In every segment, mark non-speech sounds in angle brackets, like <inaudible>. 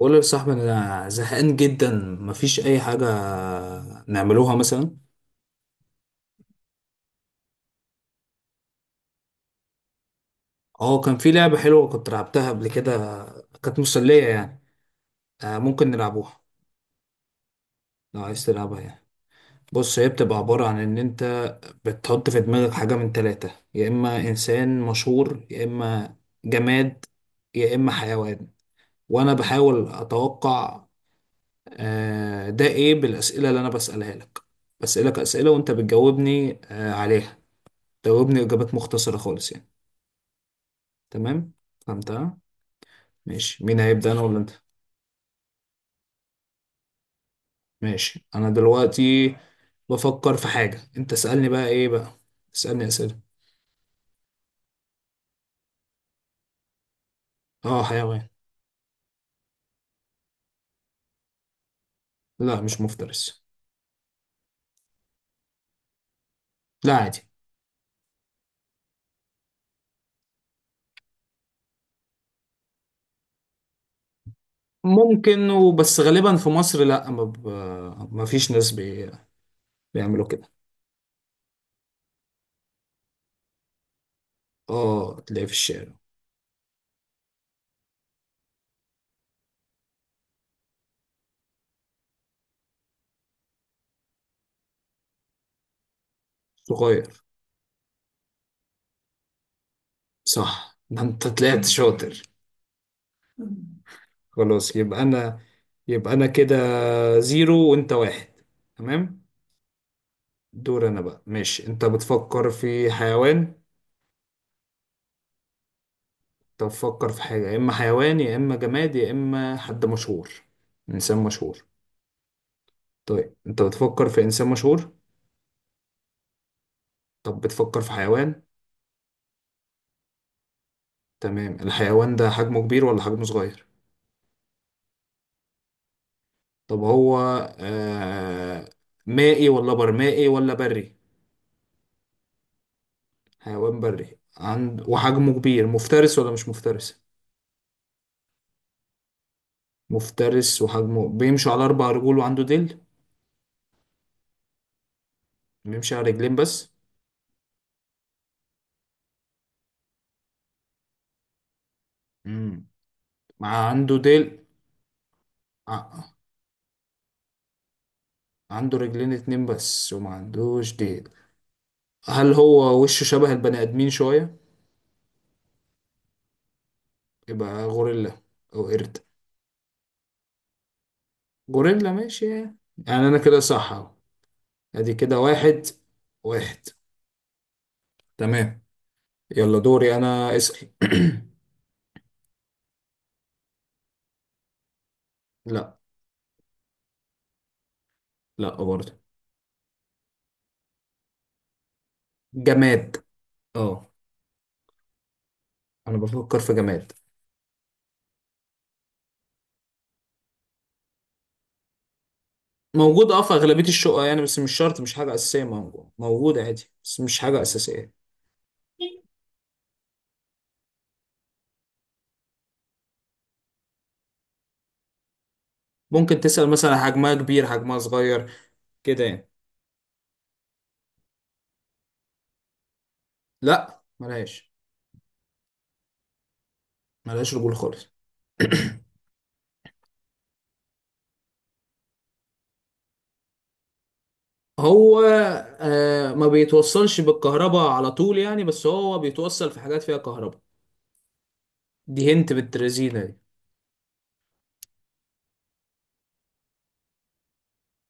قول لي يا صاحبي انا زهقان جدا، مفيش اي حاجه نعملوها مثلا. اه كان في لعبه حلوه كنت لعبتها قبل كده، كانت مسليه يعني. ممكن نلعبوها لو عايز تلعبها يعني. بص هي بتبقى عباره عن ان انت بتحط في دماغك حاجه من ثلاثه، يا اما انسان مشهور، يا اما جماد، يا اما حيوان، وانا بحاول اتوقع. ده ايه؟ بالاسئله اللي انا بسالها لك، بسالك اسئله وانت بتجاوبني عليها، تجاوبني اجابات مختصره خالص يعني. تمام، فهمتها. ماشي، مين هيبدأ، انا ولا انت؟ ماشي، انا دلوقتي بفكر في حاجة، انت اسألني بقى، ايه بقى، اسألني اسئلة. اه حيوان. لا مش مفترس. لا عادي. ممكن، وبس غالبا في مصر لا، ما فيش ناس بيعملوا كده. اه تلاقيه في الشارع. صغير. صح، ده انت طلعت شاطر. خلاص يبقى انا كده زيرو وانت واحد. تمام. دور انا بقى. ماشي، انت بتفكر في حيوان؟ طب فكر في حاجة، يا إما حيوان يا إما جماد يا إما حد مشهور، إنسان مشهور. طيب أنت بتفكر في إنسان مشهور؟ طب بتفكر في حيوان؟ تمام، الحيوان ده حجمه كبير ولا حجمه صغير؟ طب هو آه مائي ولا برمائي ولا بري؟ حيوان بري عند وحجمه كبير، مفترس ولا مش مفترس؟ مفترس وحجمه بيمشي على أربع رجول وعنده ديل؟ بيمشي على رجلين بس؟ امم مع عنده ديل؟ ع- عنده رجلين اتنين بس وما عندوش ديل؟ هل هو وشه شبه البني آدمين شوية؟ يبقى غوريلا أو قرد. غوريلا، ماشي يعني. يعني أنا كده صح أهو. أدي كده واحد واحد. تمام. يلا دوري أنا اسأل. <clears throat> لا. لا برضه. جماد، اه. أنا بفكر في جماد. موجود اه في أغلبية الشقق يعني، بس مش شرط، مش حاجة أساسية. موجود موجود عادي بس مش حاجة أساسية. ممكن تسأل مثلا حجمها كبير حجمها صغير كده يعني. لا ملهاش. ملهاش رجول خالص. <clears throat> هو ما بيتوصلش بالكهرباء على طول يعني، بس هو بيتوصل في حاجات فيها كهرباء. دي هنت بالترزينة دي.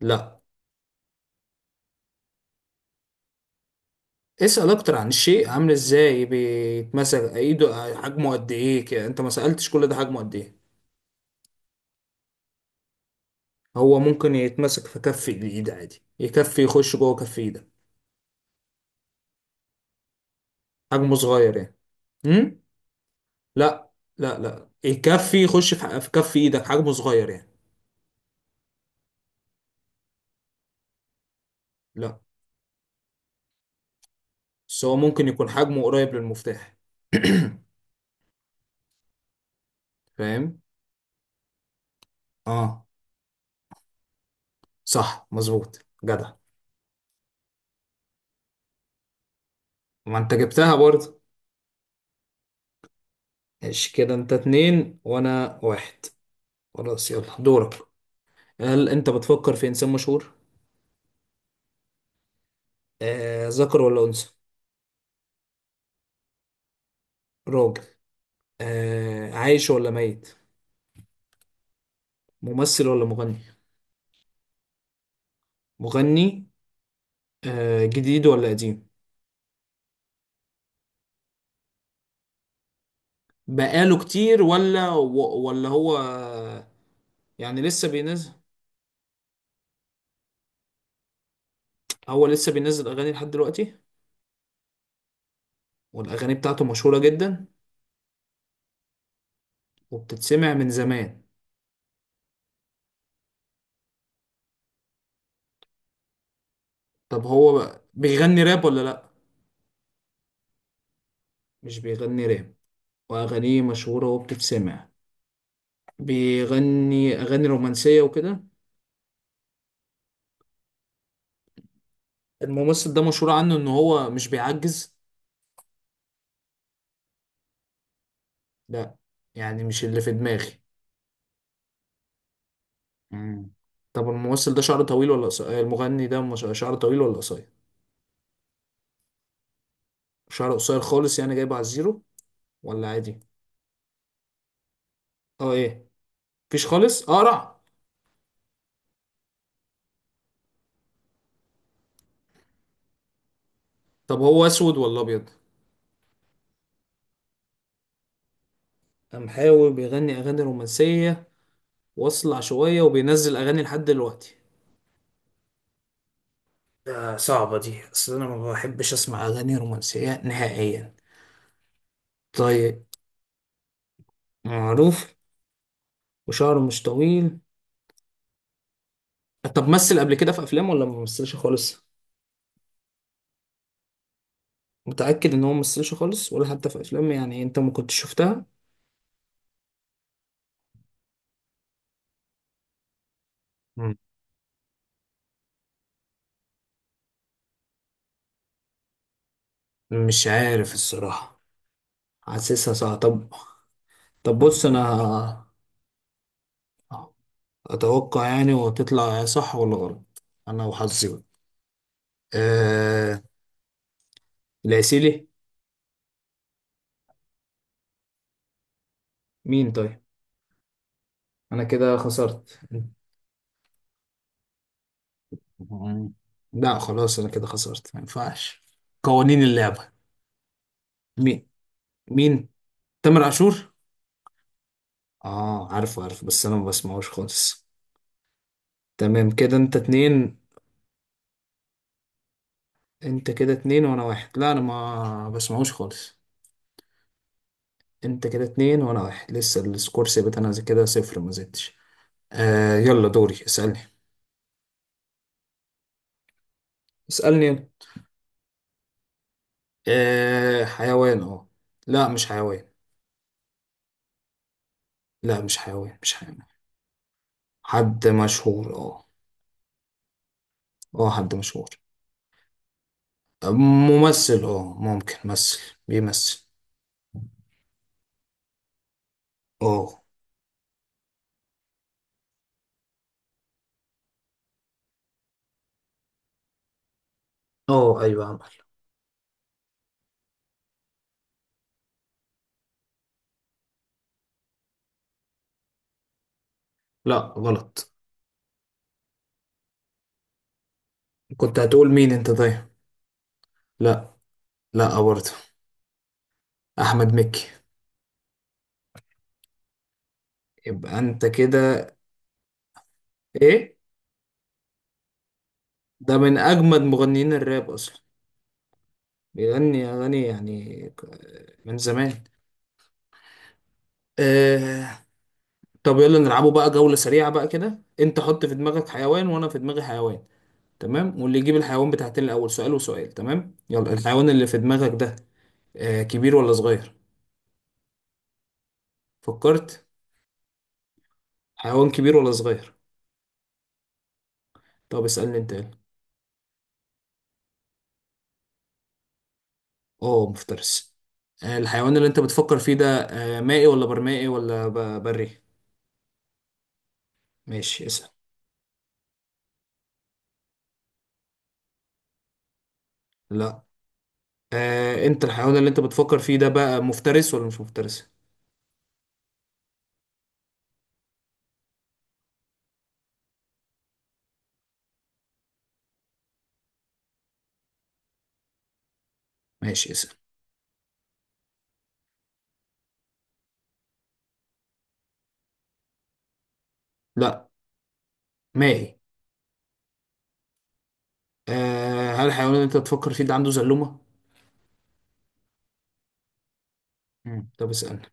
لا. اسأل اكتر عن الشيء عامل ازاي، بيتمسك ايده، حجمه قد ايه كده. انت ما سألتش كل ده، حجمه قد ايه. هو ممكن يتمسك في كف الايد عادي، يكفي يخش جوه كف ايدك، حجمه صغير يعني. امم لا. لا يكفي يخش في في كف ايدك، حجمه صغير يعني. لا. بس هو ممكن يكون حجمه قريب للمفتاح. <coughs> <clears throat> فاهم؟ اه. صح، مظبوط جدع. ما انت جبتها برضه. ماشي كده، انت اتنين وانا واحد. خلاص يلا دورك. هل انت بتفكر في انسان مشهور؟ ذكر ولا انثى؟ راجل. عايش ولا ميت؟ ممثل ولا مغني؟ مغني. جديد ولا قديم؟ بقاله كتير ولا هو يعني لسه بينزل؟ هو لسه بينزل اغاني لحد دلوقتي؟ والاغاني بتاعته مشهورة جدا وبتتسمع من زمان؟ طب هو بيغني راب ولا لا؟ مش بيغني راب وأغانيه مشهورة وبتتسمع، بيغني أغاني رومانسية وكده. الممثل ده مشهور عنه إن هو مش بيعجز؟ لا، يعني مش اللي في دماغي. مم. طب الممثل ده شعره طويل ولا قصير؟ المغني ده مش شعره طويل ولا قصير؟ شعره قصير خالص يعني جايبه على الزيرو، ولا عادي؟ اه ايه؟ مفيش خالص، اقرع؟ طب هو اسود ولا ابيض؟ قام حاول، بيغني اغاني رومانسيه واصلع شويه وبينزل اغاني لحد دلوقتي. ده صعبة دي، أصل أنا ما بحبش أسمع أغاني رومانسية نهائيا. طيب، معروف وشعره مش طويل. طب مثل قبل كده في أفلام ولا ما مثلش خالص؟ متأكد إن هو ما مثلش خالص، ولا حتى في أفلام يعني أنت ما كنتش شفتها؟ مم. مش عارف الصراحة، حاسسها صعب. طب طب بص أنا أتوقع يعني، وتطلع صح ولا غلط أنا وحظي بقى. أه... العسيلي. مين طيب؟ أنا كده خسرت. مم. لا خلاص انا كده خسرت، ما ينفعش، قوانين اللعبة. مين؟ مين؟ تامر عاشور. اه عارفه عارفه، بس انا ما بسمعوش خالص. تمام كده انت اتنين. انت كده اتنين وانا واحد، لا انا ما بسمعوش خالص. انت كده اتنين وانا واحد، لسه السكور ثابت، انا زي كده صفر، ما زدتش. يلا دوري اسألني. اسألني يلا. حيوان؟ اه لا مش حيوان. لا مش حيوان مش حيوان. حد مشهور، اه. اه حد مشهور. ممثل، اه ممكن ممثل، بيمثل. اه. اه ايوه عمل. لا غلط. كنت هتقول مين انت طيب؟ لا. لا برضه. احمد مكي. يبقى انت كده. ايه ده، من اجمد مغنيين الراب اصلا، بيغني اغاني يعني من زمان. آه... طب يلا نلعبوا بقى جولة سريعة، بقى كده انت حط في دماغك حيوان وانا في دماغي حيوان. تمام، واللي يجيب الحيوان بتاعتين الاول، سؤال وسؤال، تمام. يلا، الحيوان اللي في دماغك ده كبير ولا صغير؟ فكرت؟ حيوان كبير ولا صغير؟ طب اسألني انت يلا. اه مفترس. الحيوان اللي انت بتفكر فيه ده مائي ولا برمائي ولا بري؟ ماشي اسأل. لا. انت الحيوان اللي انت بتفكر فيه ده بقى مفترس ولا مش مفترس؟ ماشي اسأل. لا مائي. هل الحيوان اللي انت بتفكر فيه ده عنده زلومة؟ مم. طب اسألني.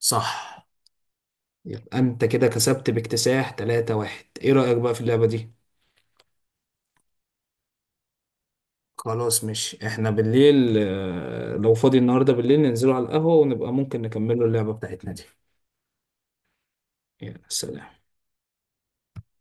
صح. يبقى انت كده كسبت باكتساح 3 واحد. ايه رأيك بقى في اللعبة دي؟ خلاص، مش احنا بالليل، لو فاضي النهارده بالليل ننزلوا على القهوة ونبقى ممكن نكملوا اللعبة بتاعتنا دي. يلا سلام.